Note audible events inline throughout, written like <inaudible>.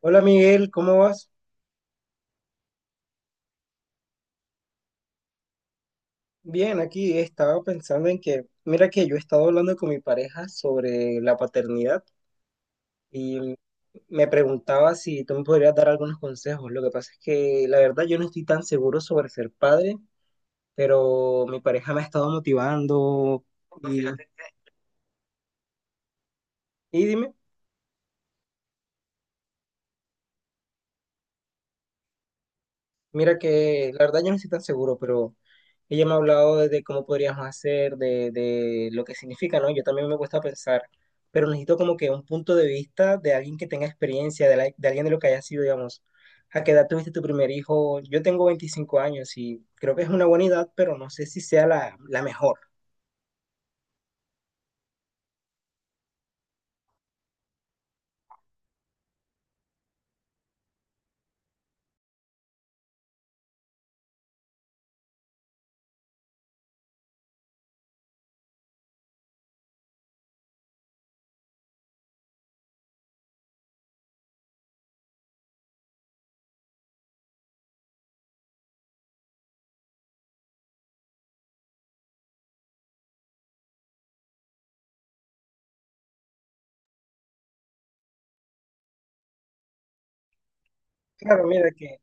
Hola Miguel, ¿cómo vas? Bien, aquí estaba pensando en que, mira que yo he estado hablando con mi pareja sobre la paternidad y me preguntaba si tú me podrías dar algunos consejos. Lo que pasa es que la verdad yo no estoy tan seguro sobre ser padre, pero mi pareja me ha estado motivando y, y dime. Mira que la verdad yo no estoy tan seguro, pero ella me ha hablado de cómo podríamos hacer, de lo que significa, ¿no? Yo también me cuesta pensar, pero necesito como que un punto de vista de alguien que tenga experiencia, de, de alguien de lo que haya sido, digamos, a qué edad tuviste tu primer hijo. Yo tengo 25 años y creo que es una buena edad, pero no sé si sea la mejor. Claro,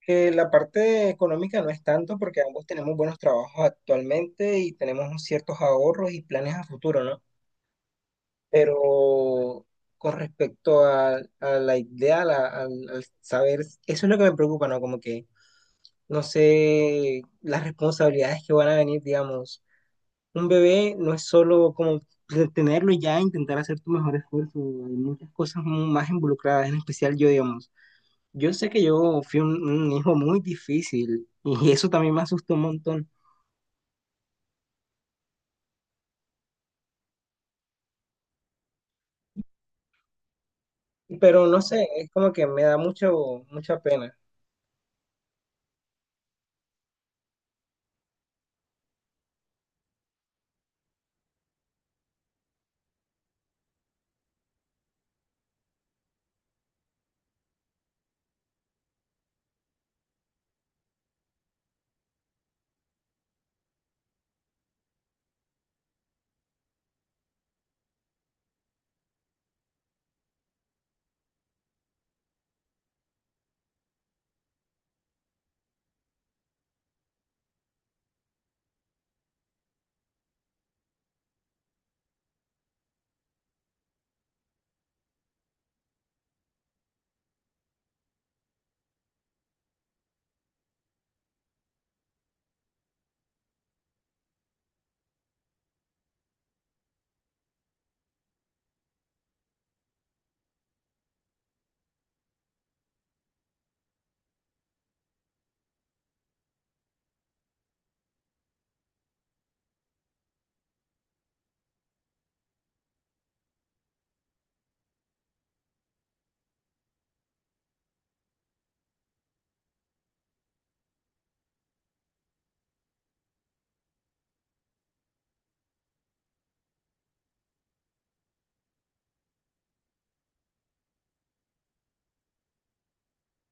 que la parte económica no es tanto porque ambos tenemos buenos trabajos actualmente y tenemos ciertos ahorros y planes a futuro, ¿no? Pero con respecto a la idea, al saber, eso es lo que me preocupa, ¿no? Como que no sé las responsabilidades que van a venir, digamos. Un bebé no es solo como tenerlo y ya, intentar hacer tu mejor esfuerzo, hay muchas cosas más involucradas, en especial yo, digamos. Yo sé que yo fui un hijo muy difícil y eso también me asustó un montón, pero no sé, es como que me da mucha pena.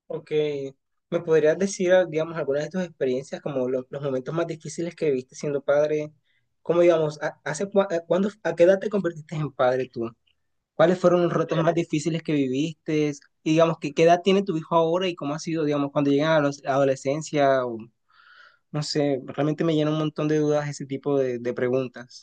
Ok, ¿me podrías decir, ah, digamos, algunas de tus experiencias, como los momentos más difíciles que viste siendo padre? ¿Cómo, digamos, a- hace cua- a, cuándo- a qué edad te convertiste en padre tú? ¿Cuáles fueron los retos más difíciles que viviste? Y, digamos, ¿qué, qué edad tiene tu hijo ahora y cómo ha sido, digamos, cuando llegan a la adolescencia? O, no sé, realmente me llena un montón de dudas ese tipo de preguntas.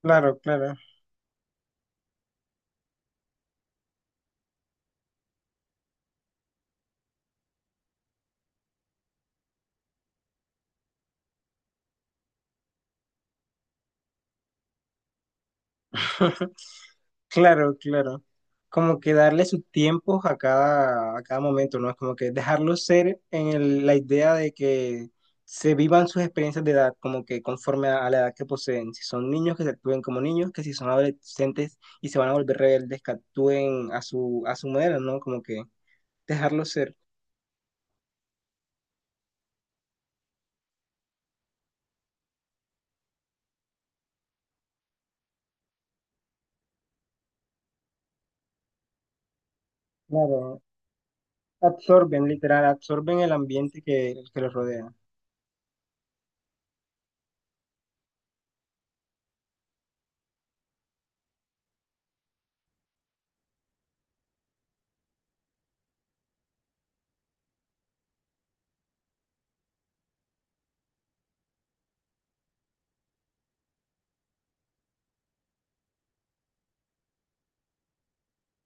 Claro, claro. <laughs> Claro, claro. Como que darle su tiempo a cada momento, ¿no? Es como que dejarlos ser en la idea de que se vivan sus experiencias de edad, como que conforme a la edad que poseen. Si son niños, que se actúen como niños, que si son adolescentes y se van a volver rebeldes, que actúen a su manera, ¿no? Como que dejarlos ser. Claro, absorben, literal, absorben el ambiente que los rodea.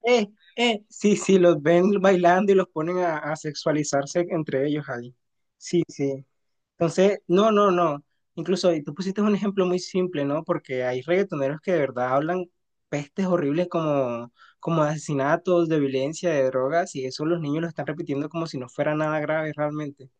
Sí, sí, los ven bailando y los ponen a sexualizarse entre ellos ahí. Sí, sí. Entonces, no, no, no. Incluso y tú pusiste un ejemplo muy simple, ¿no? Porque hay reggaetoneros que de verdad hablan pestes horribles como, como de asesinatos, de violencia, de drogas, y eso los niños lo están repitiendo como si no fuera nada grave realmente.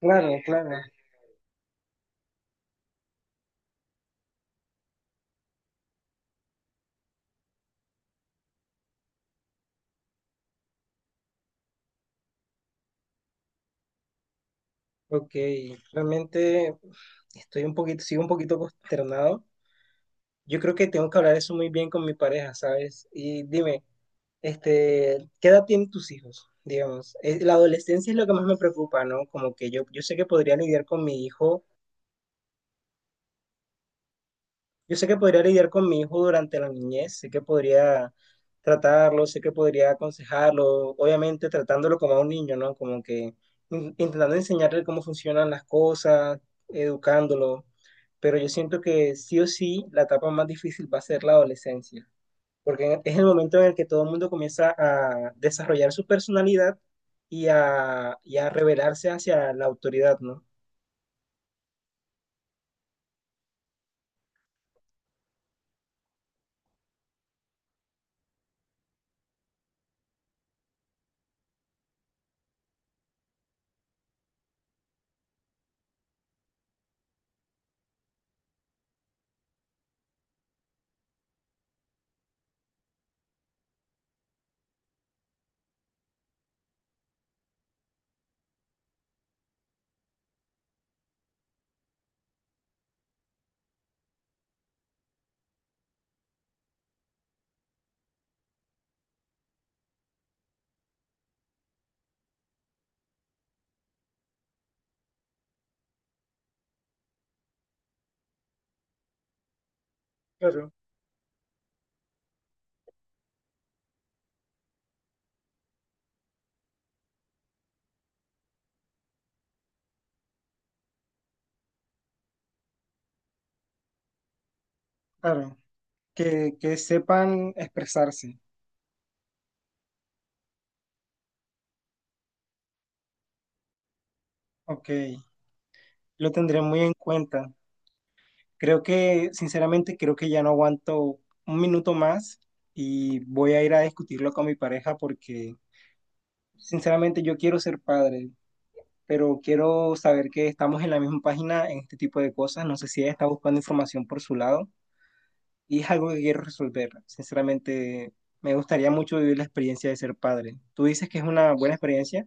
Claro, claro. Ok, realmente estoy un poquito, sigo un poquito consternado. Yo creo que tengo que hablar eso muy bien con mi pareja, ¿sabes? Y dime, este, ¿qué edad tienen tus hijos? Digamos, eh, la adolescencia es lo que más me preocupa, ¿no? Como que yo sé que podría lidiar con mi hijo, yo sé que podría lidiar con mi hijo durante la niñez, sé que podría tratarlo, sé que podría aconsejarlo, obviamente tratándolo como a un niño, ¿no? Como que intentando enseñarle cómo funcionan las cosas, educándolo, pero yo siento que sí o sí la etapa más difícil va a ser la adolescencia, porque es el momento en el que todo el mundo comienza a desarrollar su personalidad y y a rebelarse hacia la autoridad, ¿no? Claro, claro. Que sepan expresarse. Ok, lo tendré muy en cuenta. Creo que, sinceramente, creo que ya no aguanto un minuto más y voy a ir a discutirlo con mi pareja porque, sinceramente, yo quiero ser padre, pero quiero saber que estamos en la misma página en este tipo de cosas. No sé si ella está buscando información por su lado, y es algo que quiero resolver. Sinceramente, me gustaría mucho vivir la experiencia de ser padre. Tú dices que es una buena experiencia,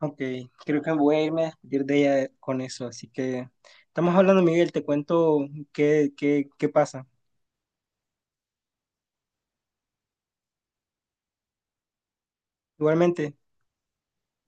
aunque creo que voy a irme a despedir de ella con eso. Así que estamos hablando, Miguel, te cuento qué, qué, qué pasa. Igualmente.